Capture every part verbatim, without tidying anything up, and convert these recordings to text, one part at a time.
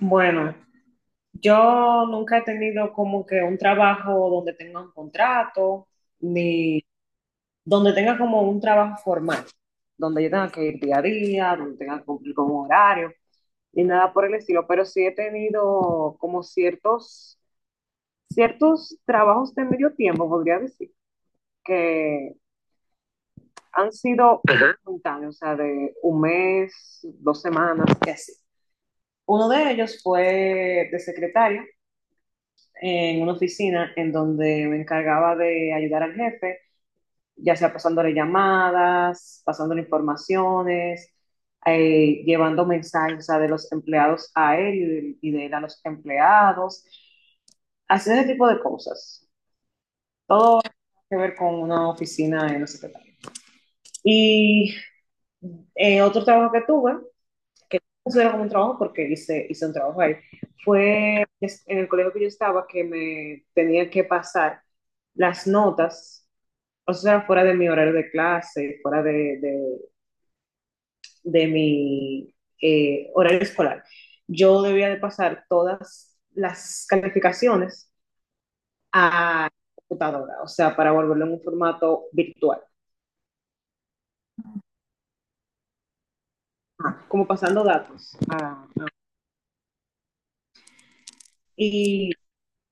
Bueno, yo nunca he tenido como que un trabajo donde tenga un contrato, ni donde tenga como un trabajo formal, donde yo tenga que ir día a día, donde tenga que cumplir con un horario, ni nada por el estilo, pero sí he tenido como ciertos, ciertos trabajos de medio tiempo, podría decir, que han sido, ajá, espontáneos, o sea, de un mes, dos semanas, y así. Uno de ellos fue de secretaria en una oficina en donde me encargaba de ayudar al jefe, ya sea pasándole llamadas, pasándole informaciones, eh, llevando mensajes, o sea, de los empleados a él y de, y de, él a los empleados, haciendo ese tipo de cosas. Todo que ver con una oficina en la secretaría. Y eh, otro trabajo que tuve, que no considero como un trabajo porque hice, hice un trabajo ahí, fue en el colegio que yo estaba, que me tenía que pasar las notas, o sea, fuera de mi horario de clase, fuera de, de- de mi eh, horario escolar, yo debía de pasar todas las calificaciones a computadora, o sea, para volverlo en un formato virtual. Ajá, como pasando datos. a- a- Y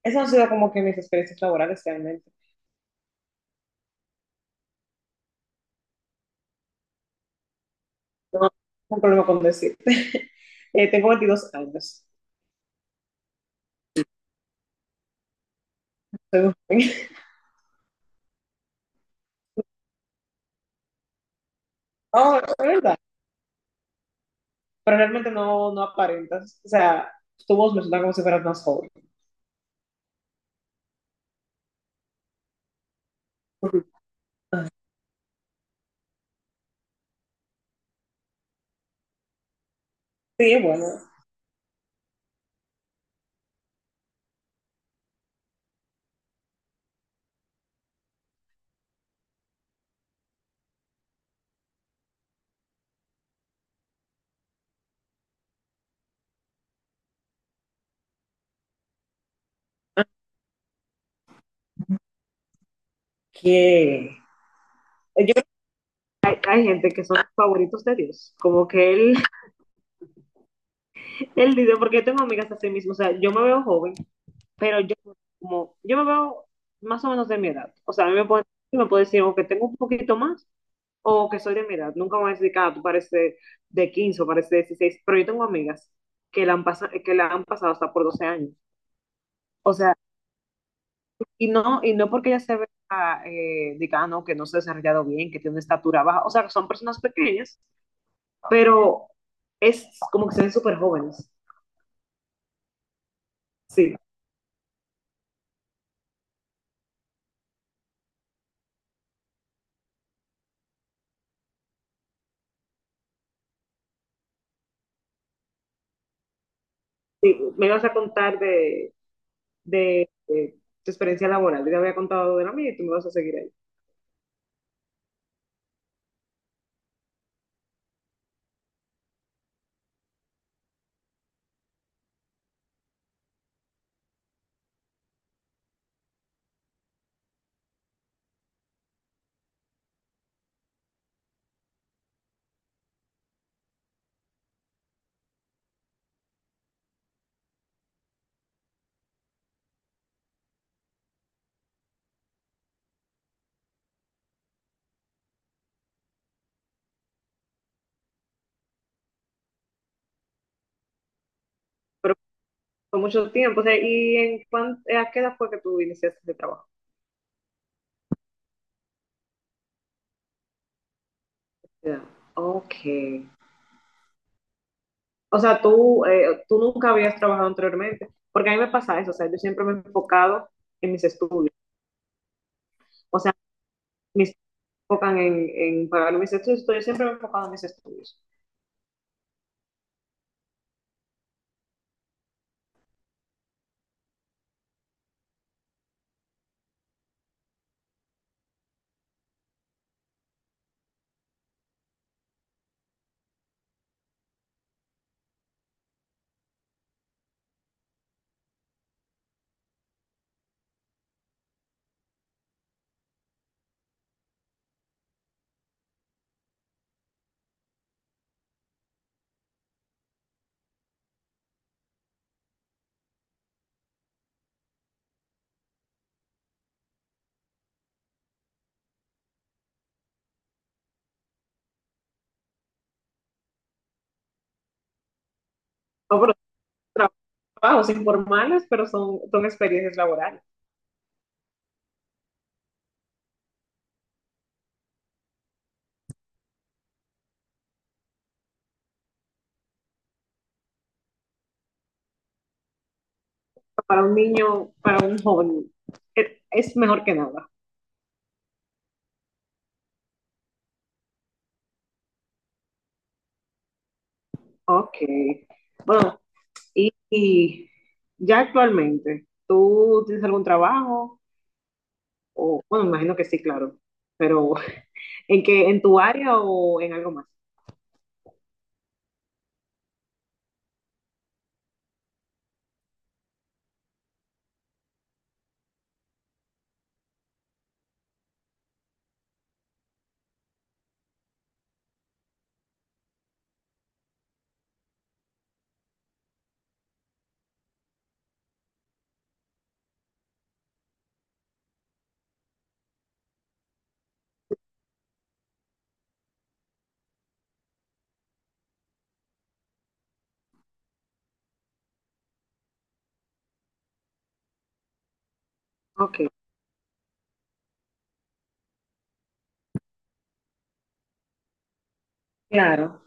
esas han sido como que mis experiencias laborales realmente. No tengo problema con decirte. Eh, tengo veintidós años. Soy un joven. No, es verdad. Pero realmente no, no aparentas. O sea, tu voz me suena como si fueras más joven. Sí, bueno, que yo hay, hay gente que son favoritos de Dios. Como que él, él dice, porque yo tengo amigas así mismo. O sea, yo me veo joven, pero yo como, yo me veo más o menos de mi edad. O sea, a mí me puede, me puede decir o que tengo un poquito más o que soy de mi edad. Nunca me van a decir, ah, tú pareces de quince o pareces de dieciséis. Pero yo tengo amigas que la han, pasa- que la han pasado hasta por doce años. O sea, y no, y no porque ella se vea, eh, diga: "Ah, no, que no se ha desarrollado bien, que tiene una estatura baja". O sea, son personas pequeñas, pero es como que se ven súper jóvenes. Sí, sí. Me vas a contar de, de, de tu experiencia laboral. Yo te había contado de la mía y tú me vas a seguir ahí. Pero fue mucho tiempo. O sea, ¿y en cuán, eh, a qué edad fue que tú iniciaste este trabajo? Ya. Ok. O sea, tú, eh, tú nunca habías trabajado anteriormente. Porque a mí me pasa eso. O sea, yo siempre me he enfocado en mis estudios. O sea, mis enfocan en, en pagar mis estudios. Yo siempre me he enfocado en mis estudios. No, pero son trabajos informales, pero son, son experiencias laborales. Para un niño, para un joven, es, es mejor que nada. Ok. Bueno, y, y ya actualmente, ¿tú tienes algún trabajo? O, bueno, me imagino que sí, claro. Pero ¿en qué, en tu área o en algo más? Ok, claro.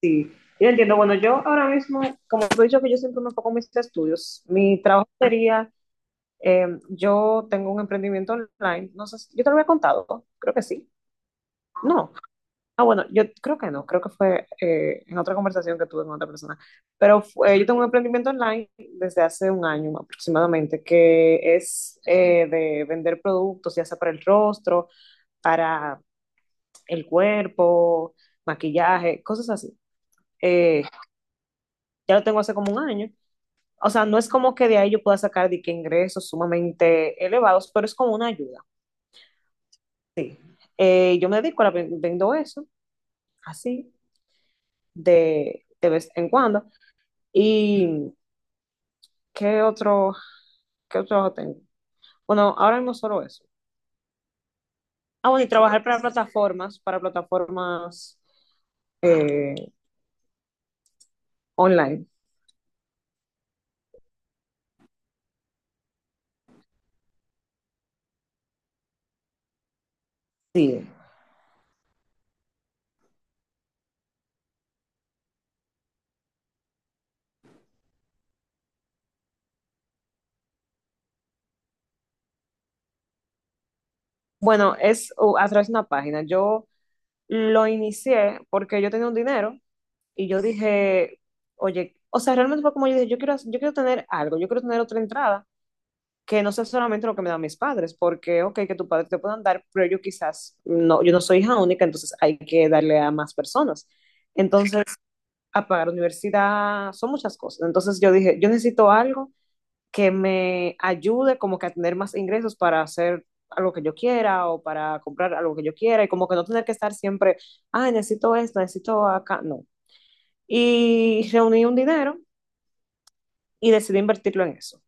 Sí, yo entiendo. Bueno, yo ahora mismo, como te he dicho, que yo siempre me enfoco en mis estudios, mi trabajo sería, eh, yo tengo un emprendimiento online, no sé, si- yo te lo había contado, creo que sí. No, ah, bueno, yo creo que no, creo que fue, eh, en otra conversación que tuve con otra persona, pero fue- yo tengo un emprendimiento online desde hace un año aproximadamente, que es, eh, de vender productos, ya sea para el rostro, para el cuerpo, maquillaje, cosas así. Eh, ya lo tengo hace como un año. O sea, no es como que de ahí yo pueda sacar de que ingresos sumamente elevados, pero es como una ayuda. Sí. Eh, yo me dedico a la, ven- vendo eso, así, de, de vez en cuando. ¿Y qué otro, qué otro trabajo tengo? Bueno, ahora mismo solo eso. Ah, bueno, y trabajar para plataformas, para plataformas eh, online. Sí. Bueno, es, uh, a través de una página. Yo lo inicié porque yo tenía un dinero. Y yo dije, oye, o sea, realmente fue como yo dije, yo quiero, yo quiero, tener algo, yo quiero tener otra entrada que no sea solamente lo que me dan mis padres, porque, ok, que tus padres te puedan dar, pero yo quizás, no, yo no soy hija única, entonces hay que darle a más personas. Entonces, a pagar universidad, son muchas cosas. Entonces yo dije, yo necesito algo que me ayude como que a tener más ingresos para hacer algo que yo quiera o para comprar algo que yo quiera y como que no tener que estar siempre, ah, necesito esto, necesito acá. No, y reuní un dinero y decidí invertirlo en eso.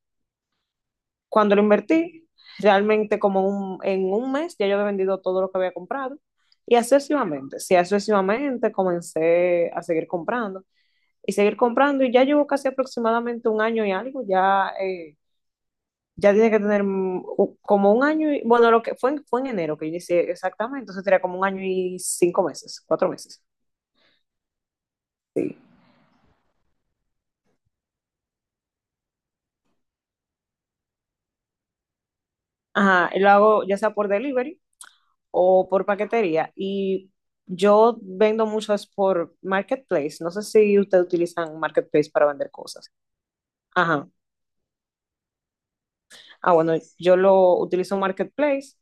Cuando lo invertí, realmente como un- en un mes ya yo había vendido todo lo que había comprado y sucesivamente, sí, sucesivamente comencé a seguir comprando y seguir comprando, y ya llevo casi aproximadamente un año y algo, ya, eh, ya tiene que tener, mm, u- como un año, y, bueno, lo que fue en, fue en enero que yo hice exactamente, entonces tenía como un año y cinco meses, cuatro meses, sí. Ajá, y lo hago ya sea por delivery o por paquetería. Y yo vendo muchas por Marketplace. No sé si ustedes utilizan Marketplace para vender cosas. Ajá. Ah, bueno, yo lo utilizo Marketplace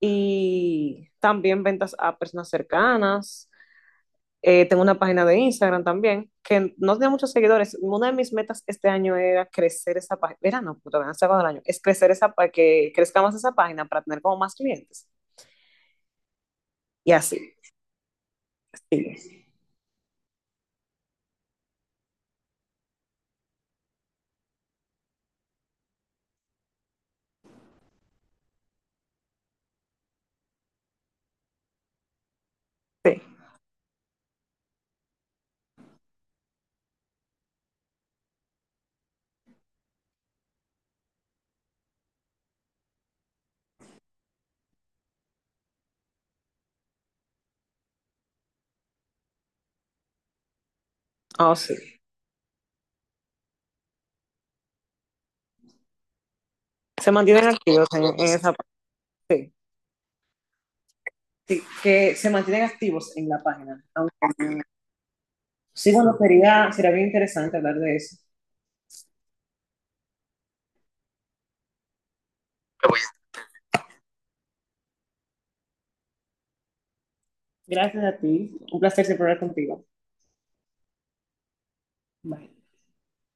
y también ventas a personas cercanas. Eh, tengo una página de Instagram también, que no tenía muchos seguidores. Una de mis metas este año era crecer esa página. Era, no, puta, todavía no se acaba el año. Es crecer esa para que crezca más esa página para tener como más clientes. Y así, sí, sí. Oh, sí. Se mantienen activos en, en esa. Sí, sí, que se mantienen activos en la página. Aunque, sí, bueno, sería, sería bien interesante hablar de eso. Gracias a ti. Un placer siempre hablar contigo. Bye.